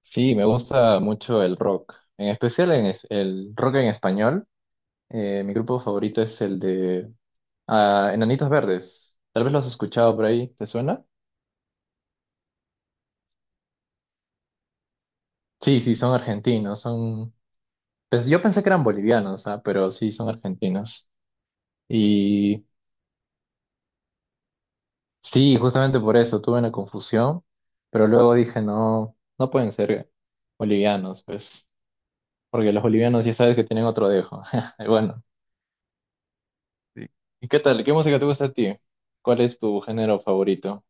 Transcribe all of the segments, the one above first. Sí, me gusta mucho el rock, en especial el rock en español. Mi grupo favorito es el de Enanitos Verdes. Tal vez los has escuchado por ahí, ¿te suena? Sí, sí, son argentinos, son... Pues yo pensé que eran bolivianos, ah, pero sí, son argentinos. Y sí, justamente por eso tuve una confusión, pero luego dije, no, no pueden ser bolivianos, pues, porque los bolivianos ya sabes que tienen otro dejo. Bueno. Sí. ¿Y qué tal? ¿Qué música te gusta a ti? ¿Cuál es tu género favorito?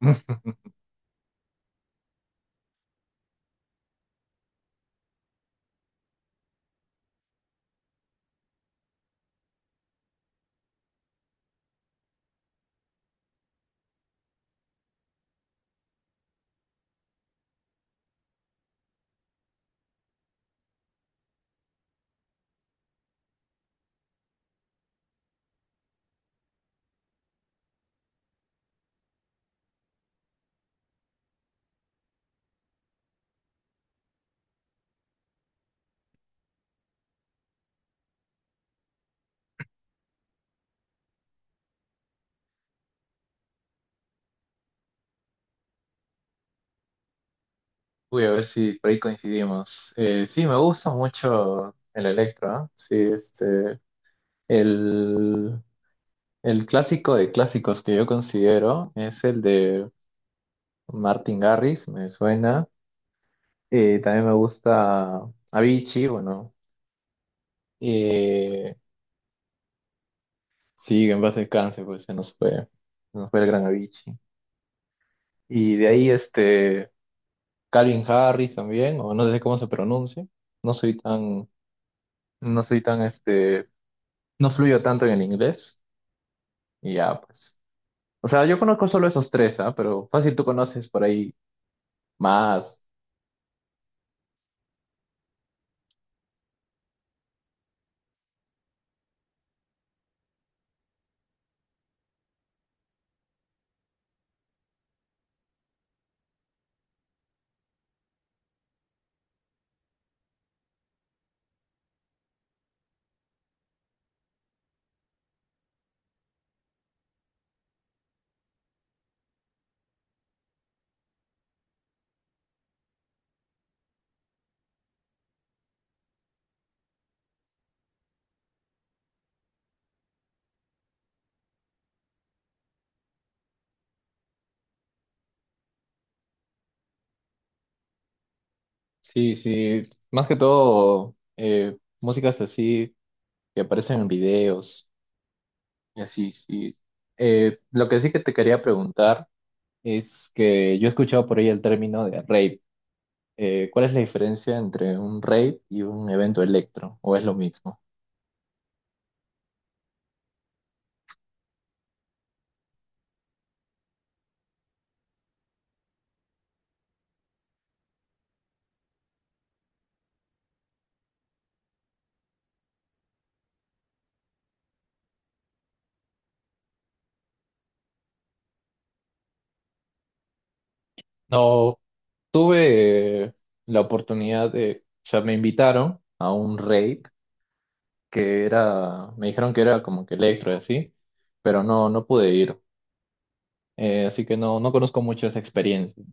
Voy a ver si por ahí coincidimos. Sí, me gusta mucho el electro, ¿ah? Sí, este, el, el clásico de clásicos que yo considero es el de Martin Garrix, me suena. También me gusta Avicii, bueno, eh, sí, en base al cáncer, pues se nos fue el gran Avicii. Y de ahí, este, Calvin Harris también, o no sé cómo se pronuncia. No soy tan, no soy tan, este, no fluyo tanto en el inglés. Y ya, pues. O sea, yo conozco solo esos tres, ¿ah? Pero fácil tú conoces por ahí más. Sí, sí. Más que todo, músicas así que aparecen en videos. Y así, sí. Lo que sí que te quería preguntar es que yo he escuchado por ahí el término de rave. ¿Cuál es la diferencia entre un rave y un evento electro? ¿O es lo mismo? No, tuve la oportunidad de, o sea, me invitaron a un rave que era, me dijeron que era como que electro y así, pero no, no pude ir. Así que no, no conozco mucho esa experiencia.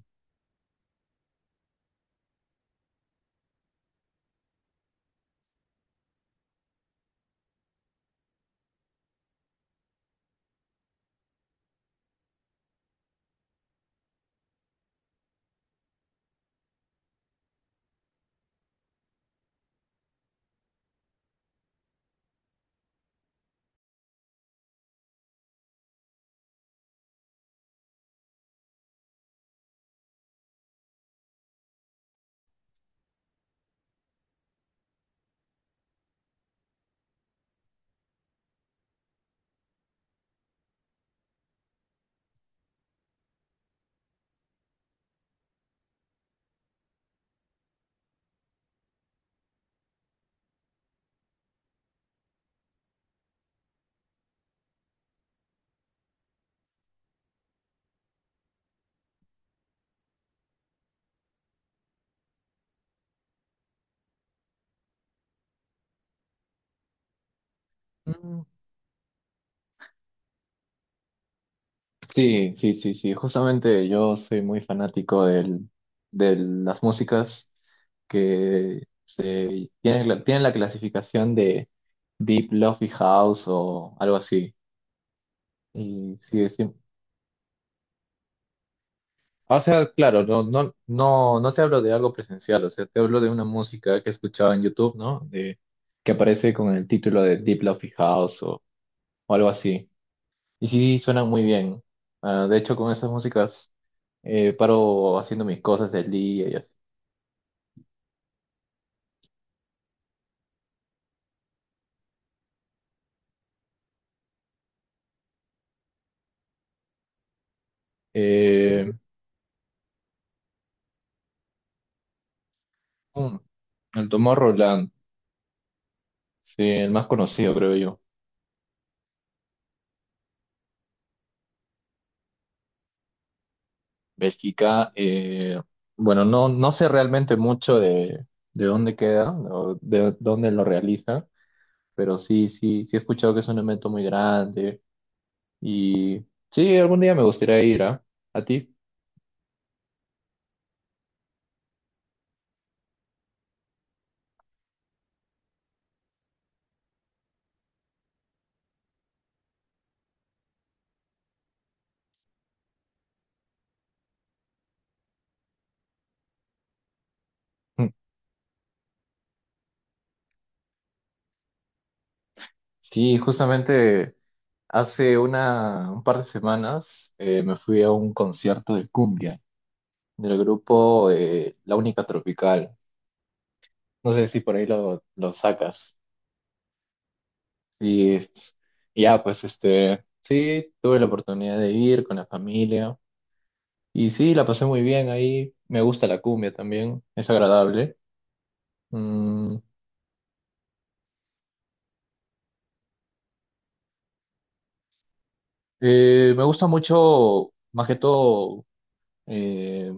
Mm, Sí, sí, sí, sí, justamente yo soy muy fanático de las músicas que tienen la clasificación de Deep Lofi House o algo así, y sí, sí, o sea, claro, no te hablo de algo presencial, o sea, te hablo de una música que escuchaba en YouTube, ¿no? Que aparece con el título de Deep Lofi House o algo así. Y sí, suenan muy bien. Ah, de hecho, con esas músicas paro haciendo mis cosas del día y así. Eh, mm, el Tomorrowland, sí, el más conocido, creo yo. Bélgica, bueno, no, no sé realmente mucho de dónde queda o de dónde lo realiza. Pero sí, sí, sí he escuchado que es un evento muy grande y sí, algún día me gustaría ir, ¿ah? ¿A ti? Sí, justamente un par de semanas me fui a un concierto de cumbia del grupo La Única Tropical. No sé si por ahí lo sacas. Y es- y ya, pues este, sí, tuve la oportunidad de ir con la familia y sí, la pasé muy bien ahí. Me gusta la cumbia también, es agradable. Mm, Me gusta mucho, más que todo, eh,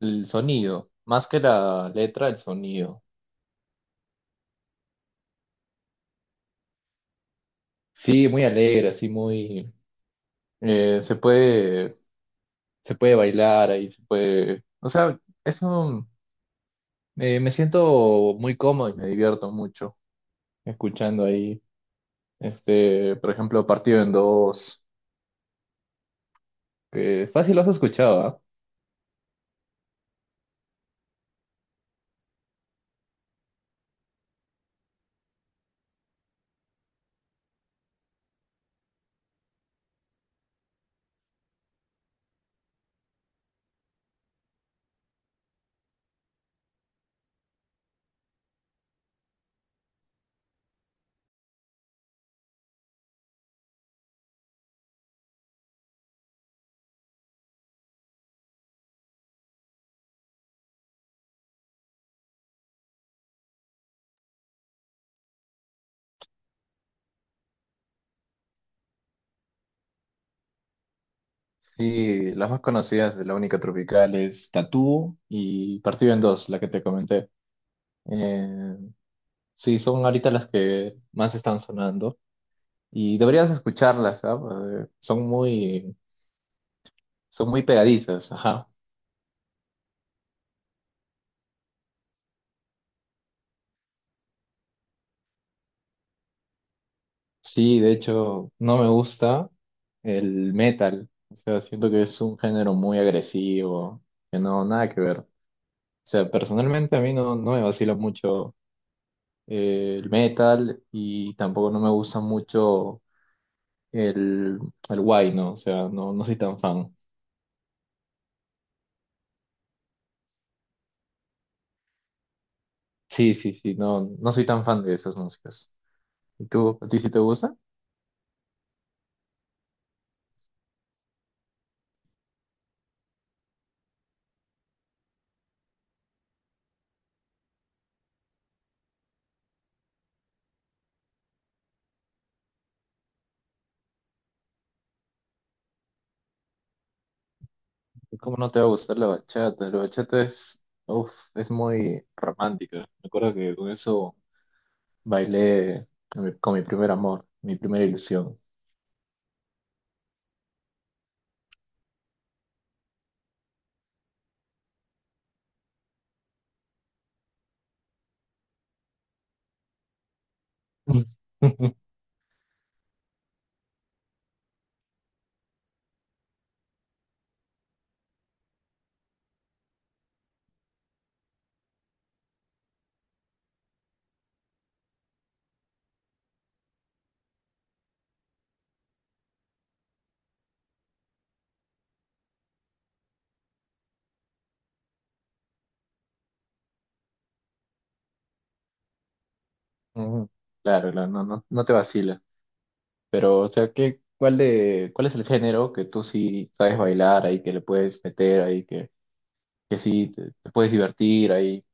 el sonido, más que la letra, el sonido. Sí, muy alegre, así muy... eh, se puede, se puede bailar ahí, se puede... O sea, eso me siento muy cómodo y me divierto mucho escuchando ahí, este, por ejemplo, Partido en Dos, que fácil lo has escuchado, ¿ah? Sí, las más conocidas de la única tropical es Tatú y Partido en Dos, la que te comenté. Eh, sí, son ahorita las que más están sonando y deberías escucharlas, ¿sabes? Son muy pegadizas, ajá. Sí, de hecho, no me gusta el metal, o sea, siento que es un género muy agresivo, que no, nada que ver. O sea, personalmente a mí no, no me vacila mucho el metal y tampoco no me gusta mucho el, el guay, ¿no? O sea, no, no soy tan fan. Sí, sí, sí, no, no soy tan fan de esas músicas. ¿Y tú, a ti sí te gusta? ¿Cómo no te va a gustar la bachata? La bachata es, uf, es muy romántica. Me acuerdo que con eso bailé con mi primer amor, mi primera ilusión. Mm. Ujú. Claro, no, no, no te vacila. Pero, o sea, ¿cuál es el género que tú sí sabes bailar ahí, que le puedes meter ahí, que sí te puedes divertir ahí?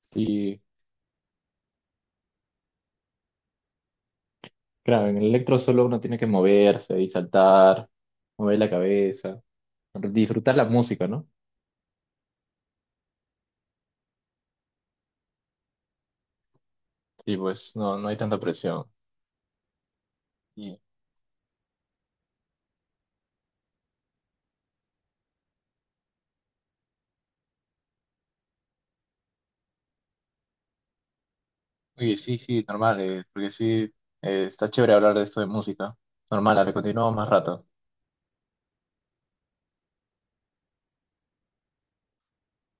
Sí, claro, en el electro solo uno tiene que moverse y saltar, mover la cabeza. Disfrutar la música, ¿no? Y pues no, no hay tanta presión. Y, oye, sí, sí, normal, porque sí, está chévere hablar de esto de música. Normal, dale, continuamos más rato.